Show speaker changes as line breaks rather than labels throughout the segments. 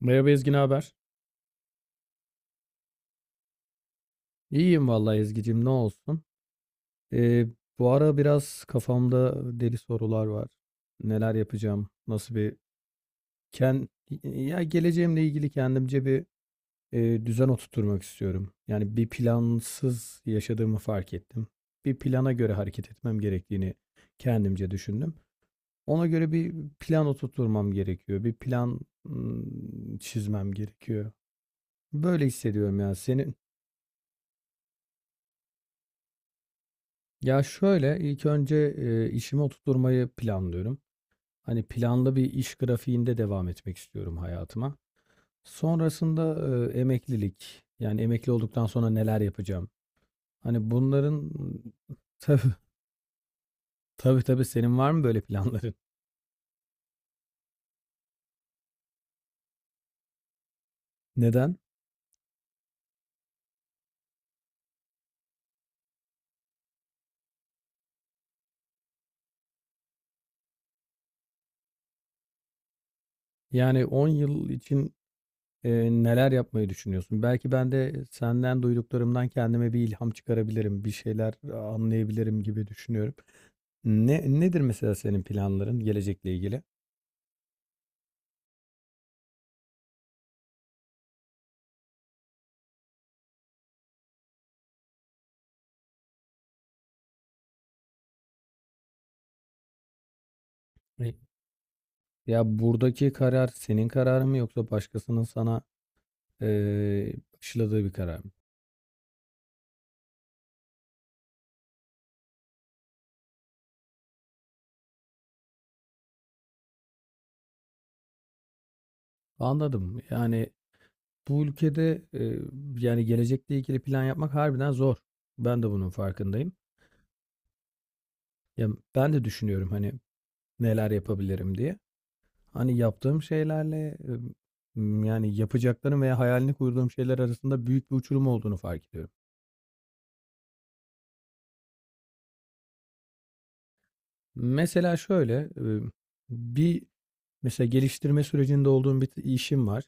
Merhaba Ezgi, ne haber? İyiyim vallahi Ezgi'cim, ne olsun. Ee, bu ara biraz kafamda deli sorular var. Neler yapacağım? Nasıl bir ken ya geleceğimle ilgili kendimce bir düzen oturtmak istiyorum. Yani bir plansız yaşadığımı fark ettim. Bir plana göre hareket etmem gerektiğini kendimce düşündüm. Ona göre bir plan oturtmam gerekiyor. Bir çizmem gerekiyor. Böyle hissediyorum ya. Senin… Ya şöyle, ilk önce, işimi oturtturmayı planlıyorum. Hani planlı bir iş grafiğinde devam etmek istiyorum hayatıma. Sonrasında, emeklilik, yani emekli olduktan sonra neler yapacağım? Hani bunların Tabii, tabii, tabii. Senin var mı böyle planların? Neden? Yani 10 yıl için, neler yapmayı düşünüyorsun? Belki ben de senden duyduklarımdan kendime bir ilham çıkarabilirim, bir şeyler anlayabilirim gibi düşünüyorum. Ne nedir mesela senin planların gelecekle ilgili? Ya buradaki karar senin kararın mı yoksa başkasının sana eee aşıladığı bir karar mı? Anladım. Yani bu ülkede yani gelecekle ilgili plan yapmak harbiden zor. Ben de bunun farkındayım. Ya ben de düşünüyorum hani neler yapabilirim diye. Hani yaptığım şeylerle yani yapacaklarım veya hayalini kurduğum şeyler arasında büyük bir uçurum olduğunu fark ediyorum. Mesela şöyle bir mesela geliştirme sürecinde olduğum işim var.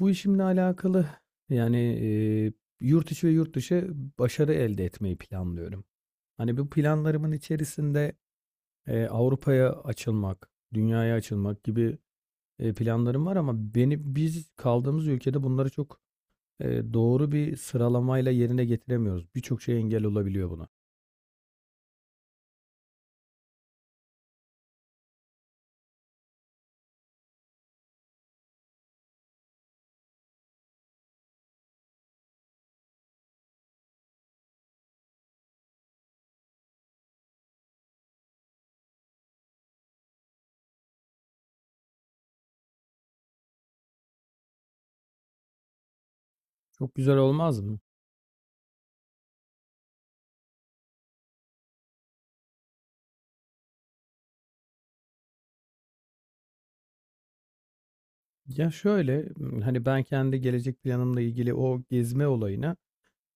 Bu işimle alakalı yani, yurt içi ve yurt dışı başarı elde etmeyi planlıyorum. Hani bu planlarımın içerisinde, Avrupa'ya açılmak, dünyaya açılmak gibi, planlarım var ama biz kaldığımız ülkede bunları çok, doğru bir sıralamayla yerine getiremiyoruz. Birçok şey engel olabiliyor buna. Çok güzel olmaz mı? Ya şöyle, hani ben kendi gelecek planımla ilgili o gezme olayına…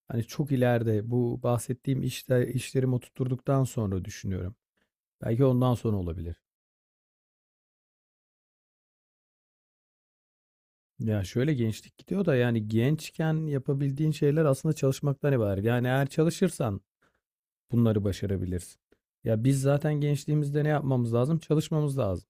Hani çok ileride bu bahsettiğim işte işlerimi oturttuktan sonra düşünüyorum. Belki ondan sonra olabilir. Ya şöyle gençlik gidiyor da yani gençken yapabildiğin şeyler aslında çalışmaktan ibaret. Yani eğer çalışırsan bunları başarabilirsin. Ya biz zaten gençliğimizde ne yapmamız lazım? Çalışmamız lazım.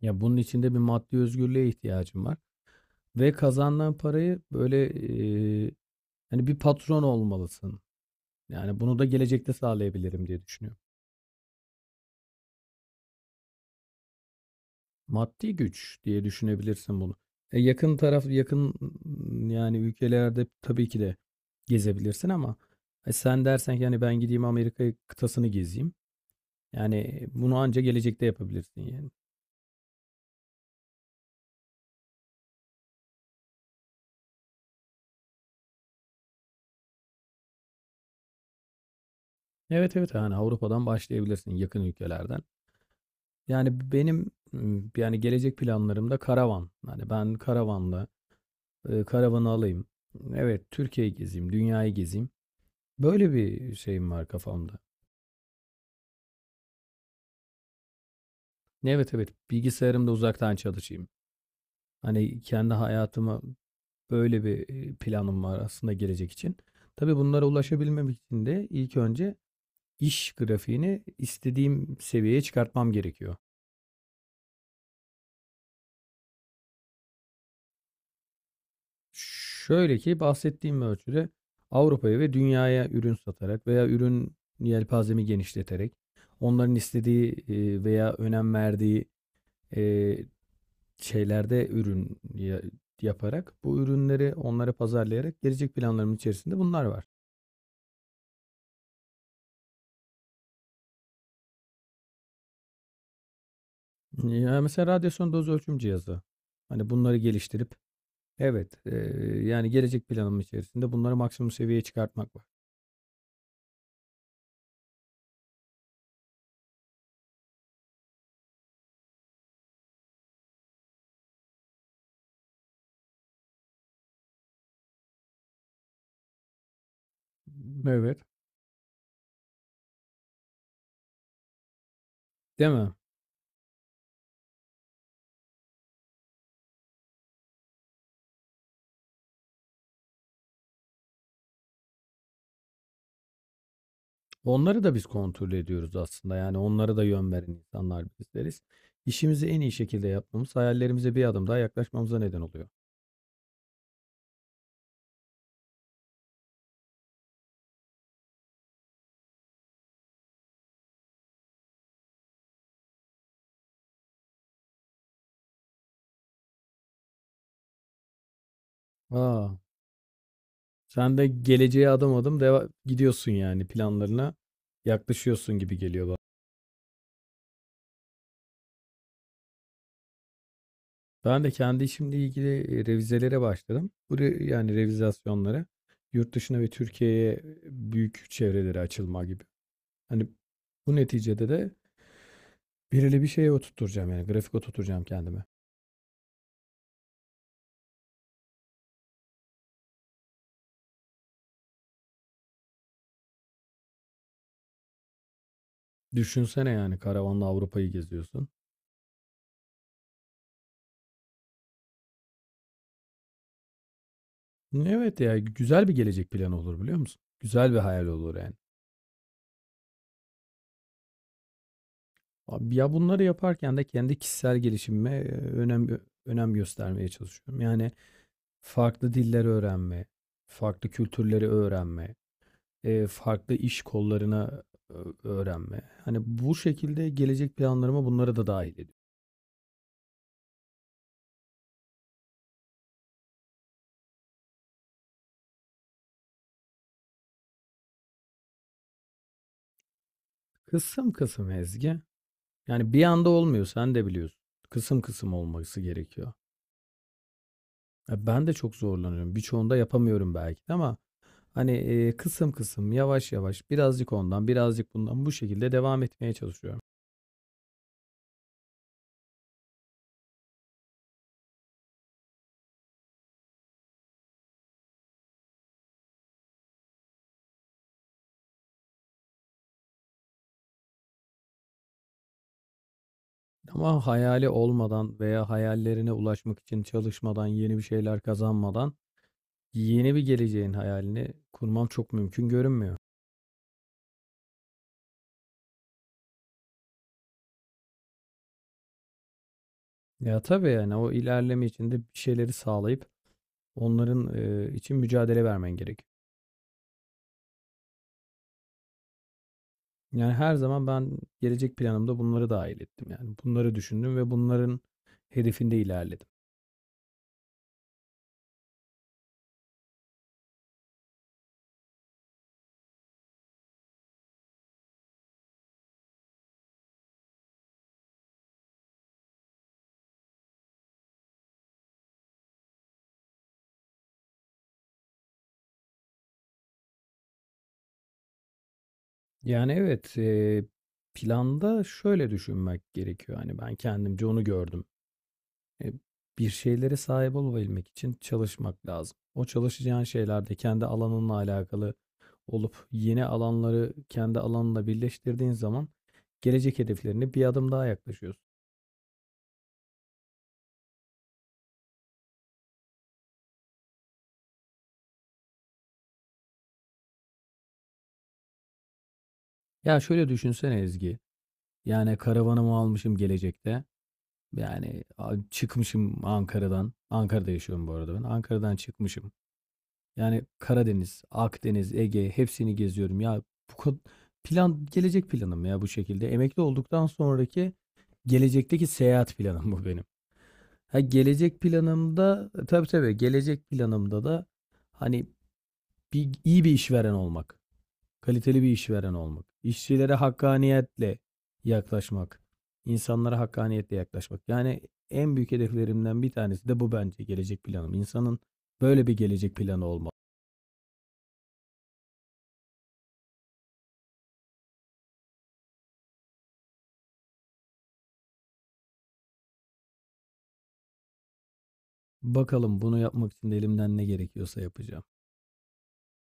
Ya bunun içinde bir maddi özgürlüğe ihtiyacım var. Ve kazandığın parayı böyle e, hani bir patron olmalısın. Yani bunu da gelecekte sağlayabilirim diye düşünüyorum. Maddi güç diye düşünebilirsin bunu. Yakın taraf yani ülkelerde tabii ki de gezebilirsin ama sen dersen ki hani ben gideyim Amerika kıtasını gezeyim. Yani bunu anca gelecekte yapabilirsin yani. Evet, evet, yani Avrupa'dan başlayabilirsin yakın ülkelerden. Yani yani gelecek planlarımda karavan. Hani ben karavanla karavanı alayım. Evet, Türkiye'yi gezeyim, dünyayı gezeyim. Böyle bir şeyim var kafamda. Evet, evet, bilgisayarımda uzaktan çalışayım. Hani kendi hayatıma böyle bir planım var aslında gelecek için. Tabii bunlara ulaşabilmem için de ilk önce iş grafiğini istediğim seviyeye çıkartmam gerekiyor. Şöyle ki bahsettiğim ölçüde Avrupa'ya ve dünyaya ürün satarak veya ürün yelpazemi genişleterek onların istediği veya önem verdiği e, şeylerde yaparak bu ürünleri onlara pazarlayarak gelecek planlarımın içerisinde bunlar var. Ya, mesela radyasyon doz ölçüm cihazı. Hani, bunları geliştirip evet, yani, gelecek planım içerisinde bunları maksimum seviyeye çıkartmak var. Evet. Değil mi? Onları da biz kontrol ediyoruz aslında, yani, onlara da yön veren insanlar bizleriz. İşimizi en iyi şekilde yapmamız hayallerimize bir adım daha yaklaşmamıza neden oluyor. A! Sen de geleceğe adım adım deva gidiyorsun, yani, planlarına yaklaşıyorsun gibi geliyor. Ben de kendi işimle ilgili, revizelere başladım. Bu re yani revizasyonlara. Yurt dışına ve Türkiye'ye büyük çevrelere açılma gibi. Hani, bu neticede de belirli bir şeye oturtacağım yani, grafik oturtacağım kendime. Düşünsene, yani, karavanla Avrupa'yı geziyorsun. Evet, ya, güzel bir gelecek planı olur, biliyor musun? Güzel bir hayal olur, yani. Ab ya, bunları yaparken de kendi kişisel gelişimime, önem göstermeye çalışıyorum. Yani, farklı diller öğrenme, farklı kültürleri öğrenme, farklı iş kollarına öğrenme. Hani, bu şekilde gelecek planlarıma bunları da dâhil ediyorum. Kısım kısım Ezgi. Yani, bir anda olmuyor, sen de biliyorsun. Kısım kısım olması gerekiyor. Ya, ben de çok zorlanıyorum. Birçoğunda yapamıyorum belki de ama, hani, kısım kısım, yavaş yavaş, birazcık ondan, birazcık bundan bu şekilde devam etmeye çalışıyorum. Ama hayali olmadan veya hayallerine ulaşmak için çalışmadan, yeni bir şeyler kazanmadan yeni bir geleceğin hayalini kurmam çok mümkün görünmüyor. Ya tabii yani o ilerleme içinde bir şeyleri sağlayıp onların için mücadele vermen gerek. Yani her zaman ben gelecek planımda bunları dahil ettim. Yani bunları düşündüm ve bunların hedefinde ilerledim. Yani evet planda şöyle düşünmek gerekiyor. Hani ben kendimce onu gördüm. E, bir şeylere sahip olabilmek için çalışmak lazım. O çalışacağın şeylerde kendi alanınla alakalı olup yeni alanları kendi alanla birleştirdiğin zaman gelecek hedeflerine bir adım daha yaklaşıyorsun. Ya şöyle düşünsene Ezgi. Yani karavanımı almışım gelecekte. Yani çıkmışım Ankara'dan. Ankara'da yaşıyorum bu arada ben. Ankara'dan çıkmışım. Yani Karadeniz, Akdeniz, Ege hepsini geziyorum. Ya bu kad- plan gelecek planım ya bu şekilde. Emekli olduktan sonraki gelecekteki seyahat planım bu benim. Ha gelecek planımda tabii, tabii, gelecek planımda da hani bir, iyi bir işveren olmak, kaliteli bir işveren olmak, işçilere hakkaniyetle yaklaşmak, insanlara hakkaniyetle yaklaşmak. Yani en büyük hedeflerimden bir tanesi de bu bence gelecek planım. İnsanın böyle bir gelecek planı olmalı. Bakalım bunu yapmak için elimden ne gerekiyorsa yapacağım.